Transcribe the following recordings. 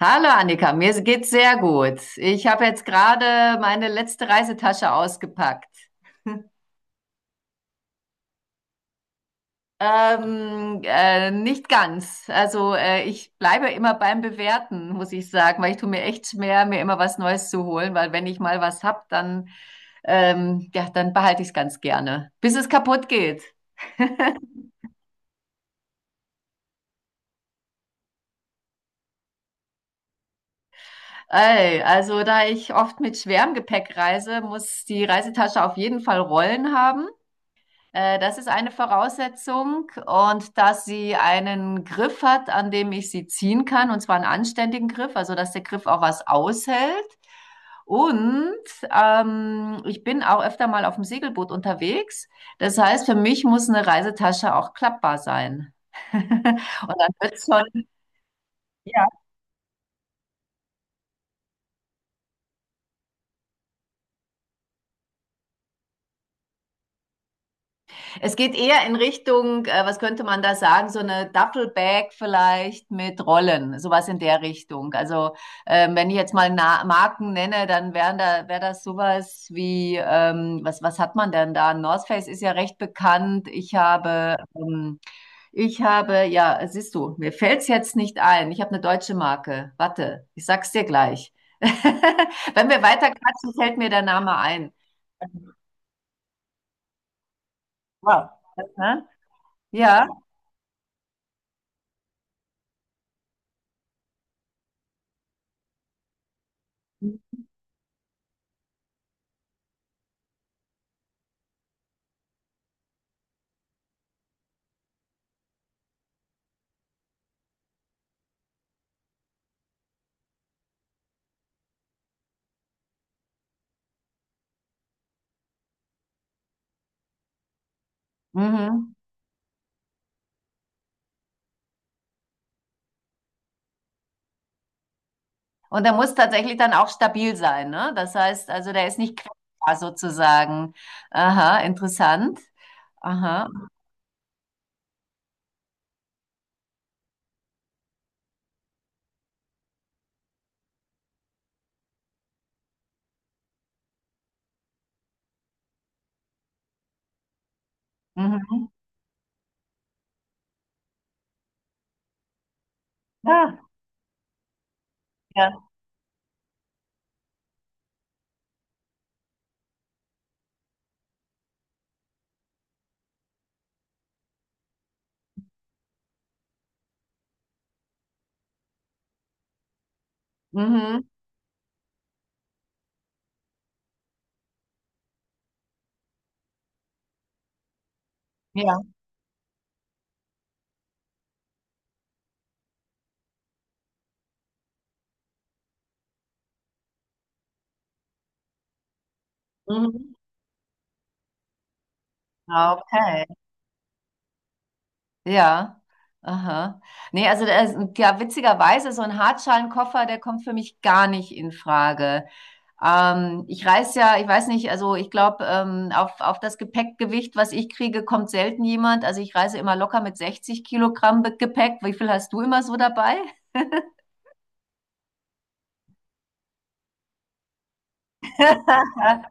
Hallo Annika, mir geht's sehr gut. Ich habe jetzt gerade meine letzte Reisetasche ausgepackt. Nicht ganz. Ich bleibe immer beim Bewerten, muss ich sagen, weil ich tue mir echt schwer, mir immer was Neues zu holen, weil wenn ich mal was hab, dann ja, dann behalte ich es ganz gerne, bis es kaputt geht. Ey, also da ich oft mit schwerem Gepäck reise, muss die Reisetasche auf jeden Fall Rollen haben. Das ist eine Voraussetzung, und dass sie einen Griff hat, an dem ich sie ziehen kann, und zwar einen anständigen Griff, also dass der Griff auch was aushält. Und ich bin auch öfter mal auf dem Segelboot unterwegs. Das heißt, für mich muss eine Reisetasche auch klappbar sein. Und dann wird es schon, ja, es geht eher in Richtung, was könnte man da sagen, so eine Duffelbag vielleicht mit Rollen, sowas in der Richtung. Also wenn ich jetzt mal Na Marken nenne, dann wäre das sowas wie, was hat man denn da? North Face ist ja recht bekannt. Ich habe, ja, siehst du, mir fällt's jetzt nicht ein. Ich habe eine deutsche Marke. Warte, ich sag's dir gleich. Wenn wir weiter quatschen, fällt mir der Name ein. Wow. Ne? Ja. Mhm. Und der muss tatsächlich dann auch stabil sein, ne? Das heißt, also der ist nicht quer sozusagen. Aha, interessant. Aha. Mhm. Ja, ja. Mhm. Ja. Mhm. Okay. Ja, aha. Nee, also da ist, ja, witzigerweise, so ein Hartschalenkoffer, der kommt für mich gar nicht in Frage. Ich reise ja, ich weiß nicht, also ich glaube, auf das Gepäckgewicht, was ich kriege, kommt selten jemand. Also ich reise immer locker mit 60 Kilogramm Be- Gepäck. Wie viel hast du immer so dabei?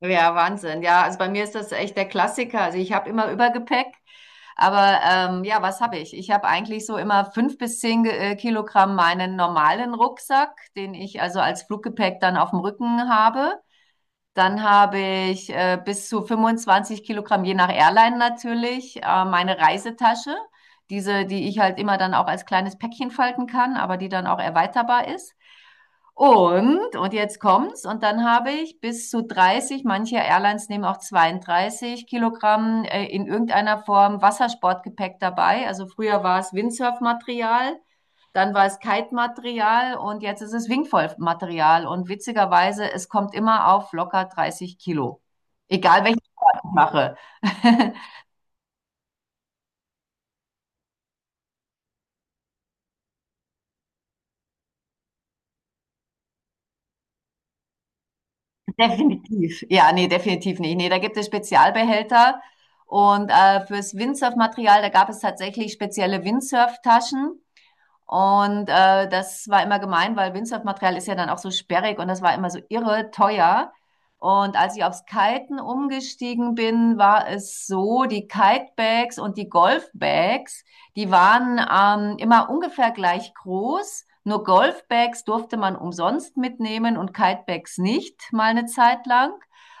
Ja, Wahnsinn. Ja, also bei mir ist das echt der Klassiker. Also ich habe immer Übergepäck, aber ja, was habe ich? Ich habe eigentlich so immer 5 bis 10 Ge- Kilogramm meinen normalen Rucksack, den ich also als Fluggepäck dann auf dem Rücken habe. Dann habe ich bis zu 25 Kilogramm, je nach Airline natürlich, meine Reisetasche. Diese, die ich halt immer dann auch als kleines Päckchen falten kann, aber die dann auch erweiterbar ist. Und jetzt kommt's, und dann habe ich bis zu 30, manche Airlines nehmen auch 32 Kilogramm in irgendeiner Form Wassersportgepäck dabei. Also früher war es Windsurfmaterial, dann war es Kite-Material und jetzt ist es Wingfoil-Material. Und witzigerweise, es kommt immer auf locker 30 Kilo. Egal welchen Sport ich mache. Definitiv. Ja, nee, definitiv nicht. Nee, da gibt es Spezialbehälter. Und fürs Windsurf-Material, da gab es tatsächlich spezielle Windsurf-Taschen. Und das war immer gemein, weil Windsurfmaterial ist ja dann auch so sperrig und das war immer so irre teuer. Und als ich aufs Kiten umgestiegen bin, war es so, die Kitebags und die Golfbags, die waren immer ungefähr gleich groß. Nur Golfbags durfte man umsonst mitnehmen und Kitebags nicht, mal eine Zeit lang.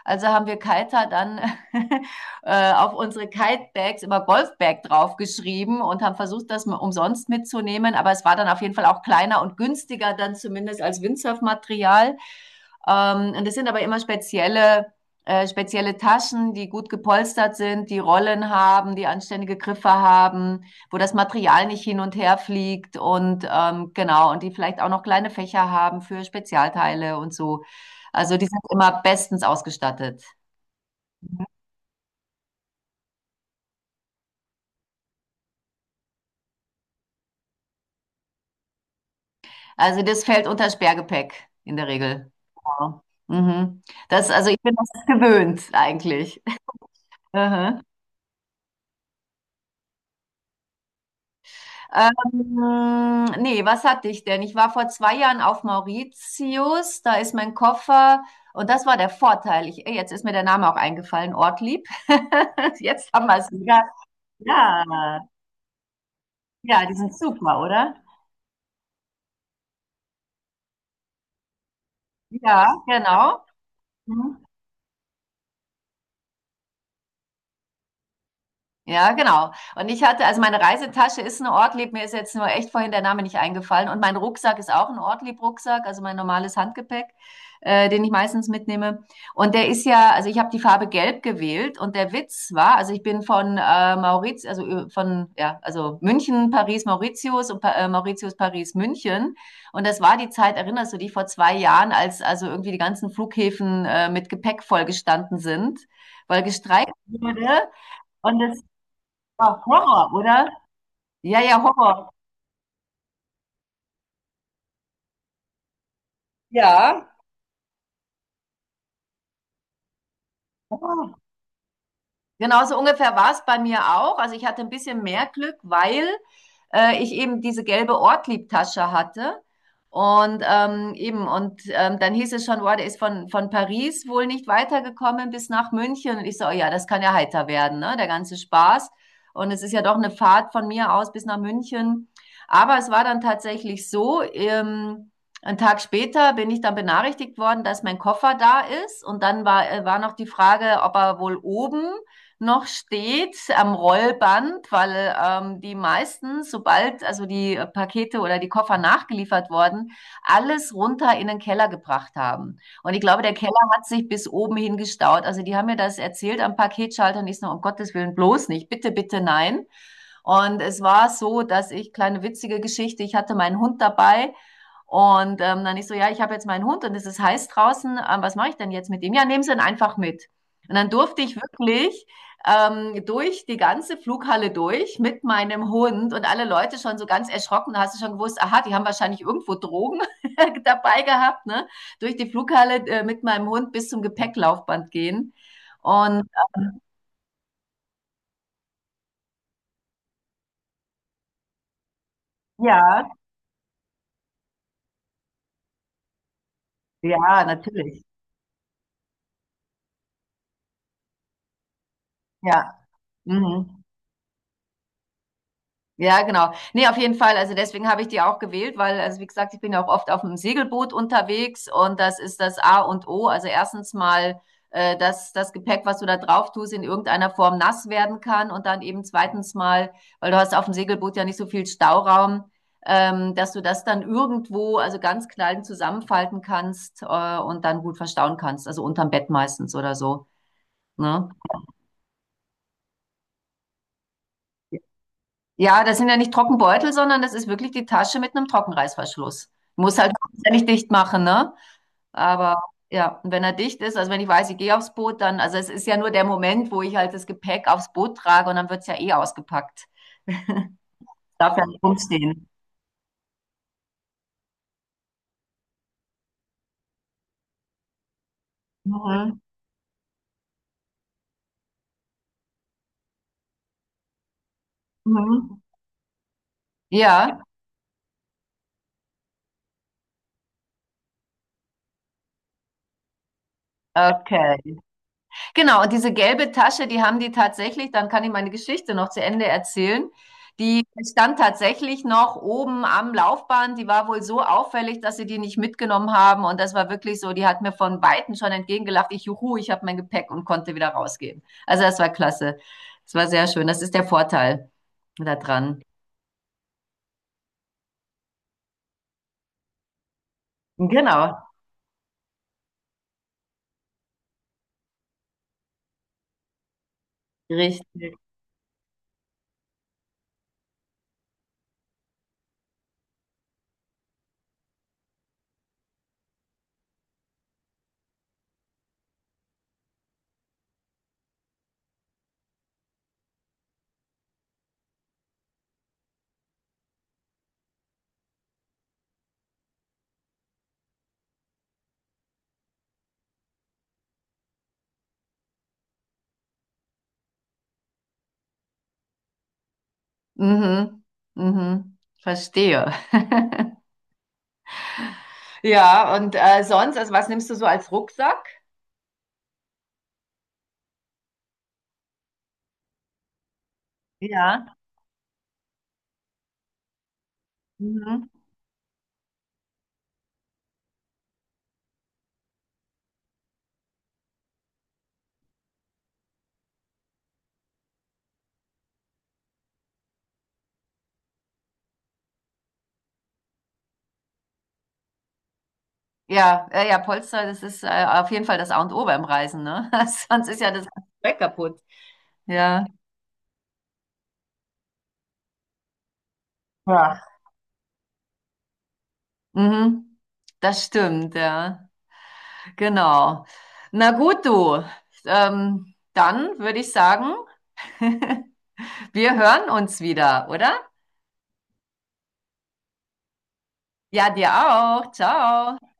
Also haben wir Kiter dann auf unsere Kitebags immer Golfbag draufgeschrieben und haben versucht, das mal umsonst mitzunehmen. Aber es war dann auf jeden Fall auch kleiner und günstiger dann zumindest als Windsurfmaterial. Und es sind aber immer spezielle Taschen, die gut gepolstert sind, die Rollen haben, die anständige Griffe haben, wo das Material nicht hin und her fliegt, und genau, und die vielleicht auch noch kleine Fächer haben für Spezialteile und so. Also die sind immer bestens ausgestattet. Also das fällt unter Sperrgepäck in der Regel. Ja. Mhm. Das, also ich bin das gewöhnt eigentlich. Aha. Nee, was hatte ich denn? Ich war vor 2 Jahren auf Mauritius, da ist mein Koffer, und das war der Vorteil. Ich, ey, jetzt ist mir der Name auch eingefallen, Ortlieb. Jetzt haben wir es wieder. Ja, ja, die sind super, oder? Ja, genau. Mhm. Ja, genau. Und ich hatte, also meine Reisetasche ist eine Ortlieb, mir ist jetzt nur echt vorhin der Name nicht eingefallen. Und mein Rucksack ist auch ein Ortlieb-Rucksack, also mein normales Handgepäck, den ich meistens mitnehme. Und der ist ja, also ich habe die Farbe Gelb gewählt und der Witz war, also ich bin von Mauritius, also ja, also München, Paris, Mauritius und pa Mauritius, Paris, München. Und das war die Zeit, erinnerst du dich, vor 2 Jahren, als also irgendwie die ganzen Flughäfen mit Gepäck vollgestanden sind, weil gestreikt wurde. Und das Ah, Horror, oder? Ja, ja, Horror. Ja. Horror. Genauso ungefähr war es bei mir auch. Also ich hatte ein bisschen mehr Glück, weil ich eben diese gelbe Ortliebtasche hatte. Und eben, und dann hieß es schon, boah, der ist von Paris wohl nicht weitergekommen bis nach München. Und ich so, oh ja, das kann ja heiter werden, ne? Der ganze Spaß. Und es ist ja doch eine Fahrt von mir aus bis nach München. Aber es war dann tatsächlich so, 1 Tag später bin ich dann benachrichtigt worden, dass mein Koffer da ist. Und dann war, war noch die Frage, ob er wohl oben noch steht am Rollband, weil die meisten, sobald also die Pakete oder die Koffer nachgeliefert wurden, alles runter in den Keller gebracht haben. Und ich glaube, der Keller hat sich bis oben hin gestaut. Also die haben mir das erzählt am Paketschalter und ich so, um Gottes Willen, bloß nicht, bitte, bitte, nein. Und es war so, dass ich, kleine witzige Geschichte, ich hatte meinen Hund dabei. Und dann ich so, ja, ich habe jetzt meinen Hund und es ist heiß draußen. Was mache ich denn jetzt mit ihm? Ja, nehmen Sie ihn einfach mit. Und dann durfte ich wirklich durch die ganze Flughalle durch mit meinem Hund und alle Leute schon so ganz erschrocken. Da hast du schon gewusst, aha, die haben wahrscheinlich irgendwo Drogen dabei gehabt, ne? Durch die Flughalle mit meinem Hund bis zum Gepäcklaufband gehen. Und ja, ja, natürlich. Ja. Mhm. Ja, genau. Ne, auf jeden Fall. Also deswegen habe ich die auch gewählt, weil, also wie gesagt, ich bin ja auch oft auf dem Segelboot unterwegs und das ist das A und O. Also erstens mal, dass das Gepäck, was du da drauf tust, in irgendeiner Form nass werden kann, und dann eben zweitens mal, weil du hast auf dem Segelboot ja nicht so viel Stauraum, dass du das dann irgendwo, also ganz klein zusammenfalten kannst, und dann gut verstauen kannst. Also unterm Bett meistens oder so. Ne? Ja, das sind ja nicht Trockenbeutel, sondern das ist wirklich die Tasche mit einem Trockenreißverschluss. Muss halt nicht dicht machen, ne? Aber ja, und wenn er dicht ist, also wenn ich weiß, ich gehe aufs Boot, dann, also es ist ja nur der Moment, wo ich halt das Gepäck aufs Boot trage und dann wird's ja eh ausgepackt. Darf ja nicht rumstehen. Mhm. Mhm. Ja, okay. Genau, und diese gelbe Tasche, die haben die tatsächlich, dann kann ich meine Geschichte noch zu Ende erzählen. Die stand tatsächlich noch oben am Laufband. Die war wohl so auffällig, dass sie die nicht mitgenommen haben. Und das war wirklich so, die hat mir von Weitem schon entgegengelacht. Ich, juhu, ich habe mein Gepäck und konnte wieder rausgehen. Also das war klasse. Das war sehr schön. Das ist der Vorteil daran. Genau, richtig. Mhm, mhm, verstehe. Ja, und sonst, also was nimmst du so als Rucksack? Ja. Mhm. Ja, ja, ja, Polster, das ist auf jeden Fall das A und O beim Reisen, ne? Sonst ist ja das ganze Zeug kaputt. Ja. Ja. Mhm. Das stimmt, ja. Genau. Na gut, du. Dann würde ich sagen, wir hören uns wieder, oder? Ja, dir auch. Ciao.